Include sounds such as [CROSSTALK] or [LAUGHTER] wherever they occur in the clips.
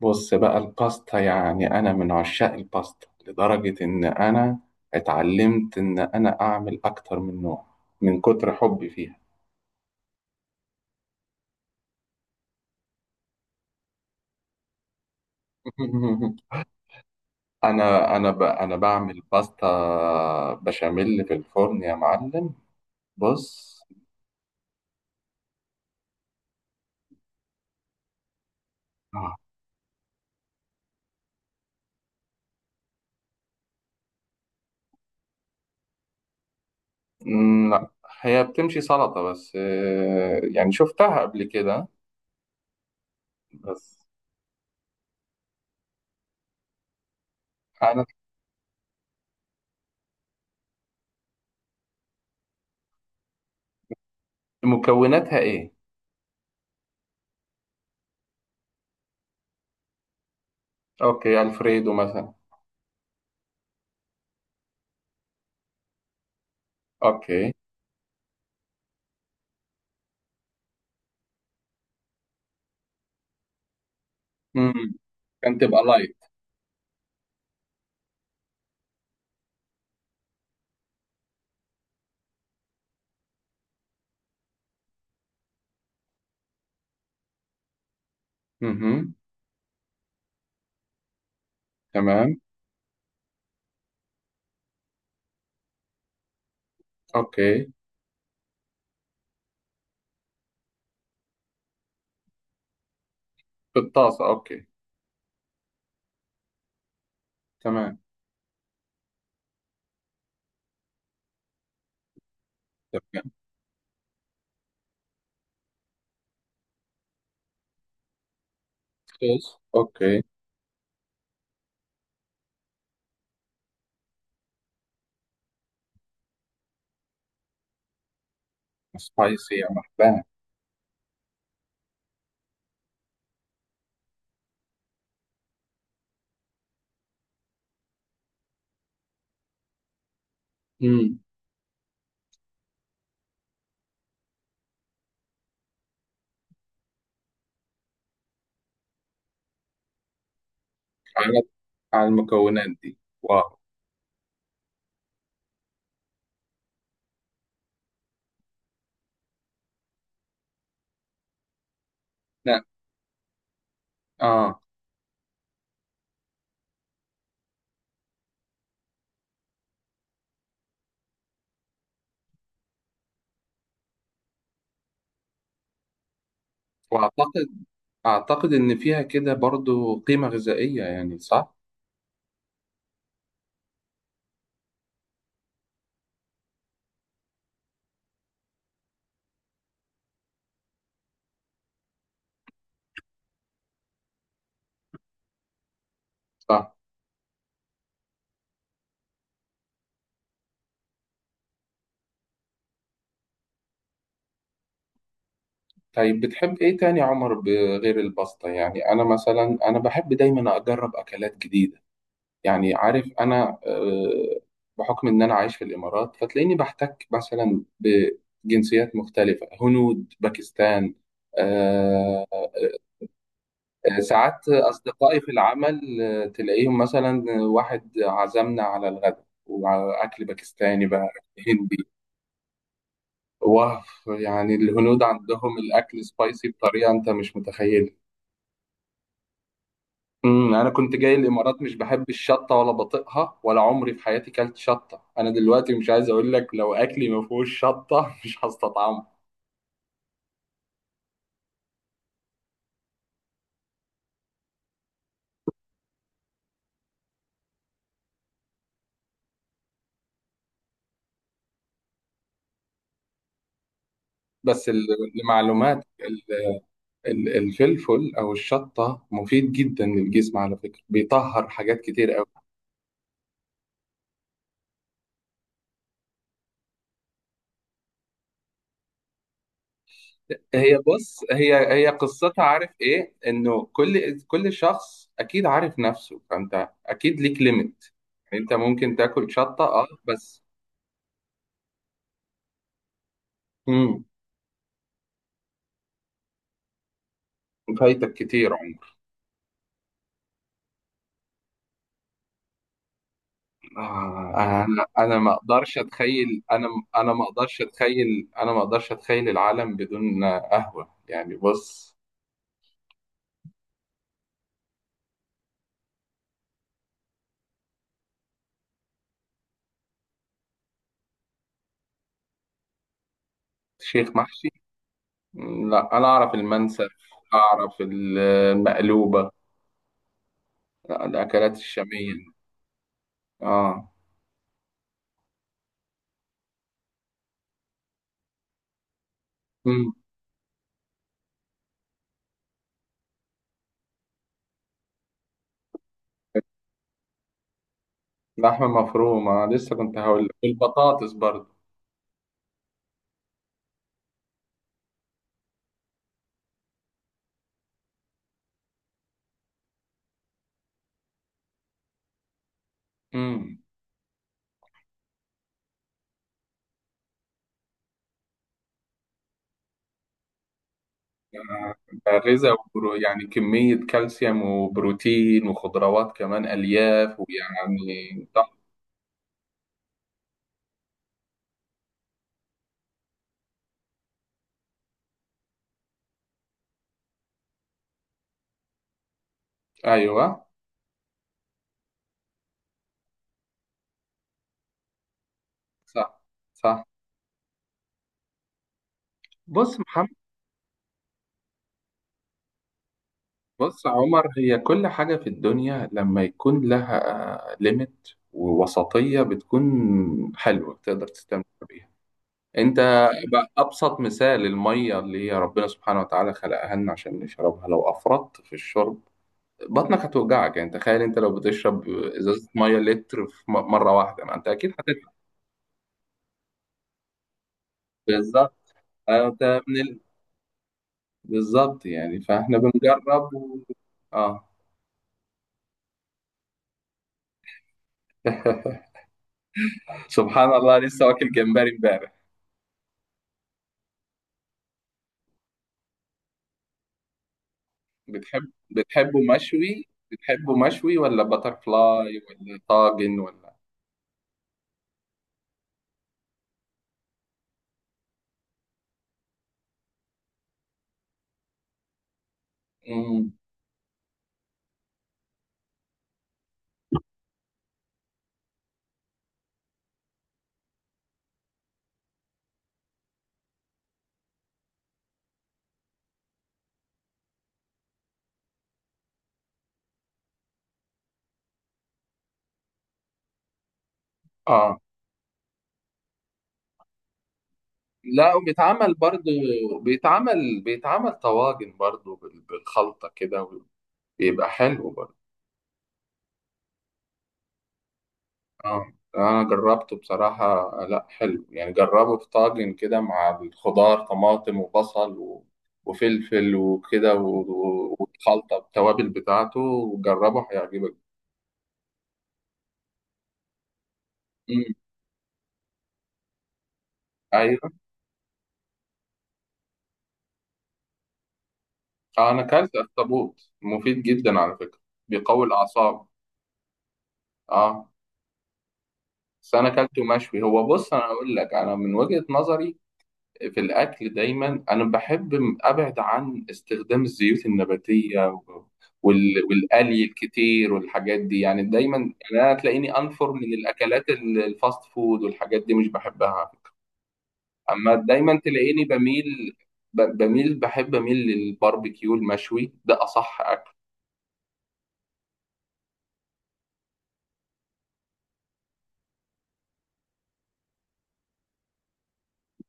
بص بقى الباستا، يعني أنا من عشاق الباستا لدرجة إن أنا إن أنا أعمل أكتر من نوع من كتر حبي فيها. [LAUGHS] أنا بعمل باستا بشاميل في الفرن يا معلم. بص آه. لا، هي بتمشي سلطة بس آه، يعني شفتها قبل كده بس. أنا مكوناتها إيه؟ أوكي، ألفريدو مثلا. أوكي. مم. كان تبقى لايت. مهم. تمام. اوكي. بالطاسة اوكي. تمام. تمام. صوص اوكي. سبايسي، يا مرحبا. امم. على على المكونات دي. واو. لا. اه. واعتقد، اعتقد ان فيها كده برضو قيمة غذائية، يعني صح؟ صح. طيب بتحب ايه تاني يا عمر بغير الباستا؟ يعني انا مثلا انا بحب دايما اجرب اكلات جديدة، يعني عارف انا آه، بحكم ان انا عايش في الامارات فتلاقيني بحتك مثلا بجنسيات مختلفه، هنود، باكستان، آه، آه، ساعات اصدقائي في العمل آه، تلاقيهم مثلا واحد عزمنا على الغداء وعلى اكل باكستاني بقى أكل هندي. واو. يعني الهنود عندهم الاكل سبايسي بطريقه انت مش متخيلها. امم. انا كنت جاي الامارات مش بحب الشطه ولا بطيقها ولا عمري في حياتي كلت شطه، انا دلوقتي مش عايز اقول لك لو اكلي ما فيهوش شطه [LAUGHS] مش هستطعمه. بس ال- لمعلومات الفلفل او الشطه مفيد جدا للجسم على فكره، بيطهر حاجات كتير قوي. هي بص، هي هي قصتها عارف ايه، انه كل شخص اكيد عارف نفسه، فانت اكيد ليك ليميت. انت ممكن تاكل شطه اه بس. امم. فايتك كتير. آه، انا ما اقدرش اتخيل. انا ما اقدرش اتخيل، انا ما اقدرش اتخيل العالم بدون قهوة، يعني بص. شيخ محشي. لا، انا اعرف المنسف، اعرف المقلوبة. لا، الاكلات الشامية. اه. امم. لحمة مفرومة لسه كنت هقول لك، البطاطس برضه. امم. يعني كمية كالسيوم وبروتين وخضروات كمان ألياف، ويعني. ايوه. صح. صح. بص محمد. بص يا عمر، هي كل حاجة في الدنيا لما يكون لها ليميت ووسطية بتكون حلوة تقدر تستمتع بيها. انت بقى أبسط مثال المية اللي هي ربنا سبحانه وتعالى خلقها لنا عشان نشربها، لو أفرطت في الشرب بطنك هتوجعك. يعني تخيل انت لو بتشرب ازازة مية لتر في مرة واحدة، ما انت اكيد هتتعب. بالظبط. انت بالظبط. يعني فاحنا بنجرب اه. [LAUGHS] سبحان الله، لسه واكل جمبري امبارح. بتحب، بتحبه مشوي بتحبه مشوي ولا باتر فلاي ولا طاجن ولا؟ مم. اه. لا، وبيتعمل برضو، بيتعمل طواجن برضو بالخلطة كده، بيبقى حلو برضو. اه انا جربته بصراحة، لا حلو يعني، جربه في طاجن كده مع الخضار، طماطم وبصل وفلفل وكده والخلطة التوابل بتاعته، وجربه هيعجبك. مم. ايوه. اه انا اكلت اخطبوط، مفيد جدا على فكره، بيقوي الاعصاب. اه بس انا اكلته مشوي. هو بص، انا اقول لك انا من وجهه نظري في الاكل، دايما انا بحب ابعد عن استخدام الزيوت النباتيه والقلي الكتير والحاجات دي، يعني دايما، يعني انا تلاقيني انفر من الاكلات الفاست فود والحاجات دي، مش بحبها. اما دايما تلاقيني بميل، بميل بحب اميل للباربيكيو المشوي، ده اصح اكل.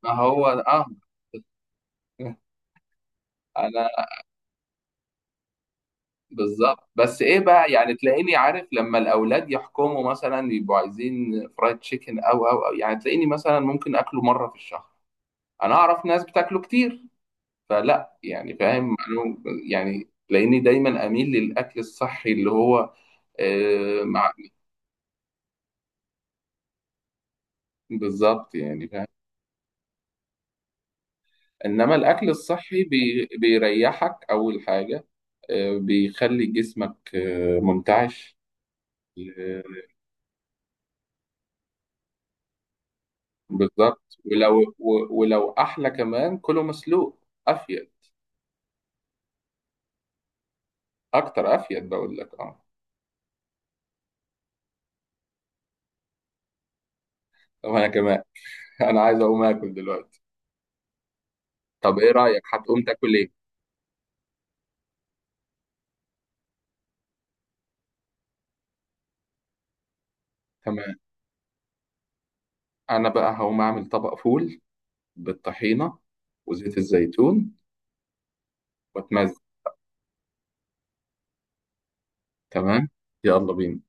ما هو اه. [LAUGHS] انا بالظبط، بس ايه بقى، يعني تلاقيني عارف لما الاولاد يحكموا مثلا يبقوا عايزين فرايد تشيكن او يعني تلاقيني مثلا ممكن اكله مره في الشهر. انا اعرف ناس بتاكله كتير، فلا يعني، فاهم أنا. يعني تلاقيني دايما اميل للاكل الصحي اللي هو آه، مع بالظبط، يعني فاهم. انما الاكل الصحي بيريحك اول حاجه. آه، بيخلي جسمك آه منتعش. آه، بالظبط. ولو احلى كمان كله مسلوق. افيد. اكتر افيد، بقول لك اه. طب انا كمان. [LAUGHS] انا عايز اقوم اكل دلوقتي. طب ايه رايك هتقوم تاكل ايه؟ تمام. انا بقى هقوم اعمل طبق فول بالطحينه وزيت الزيتون واتمزج. تمام. يلا بينا.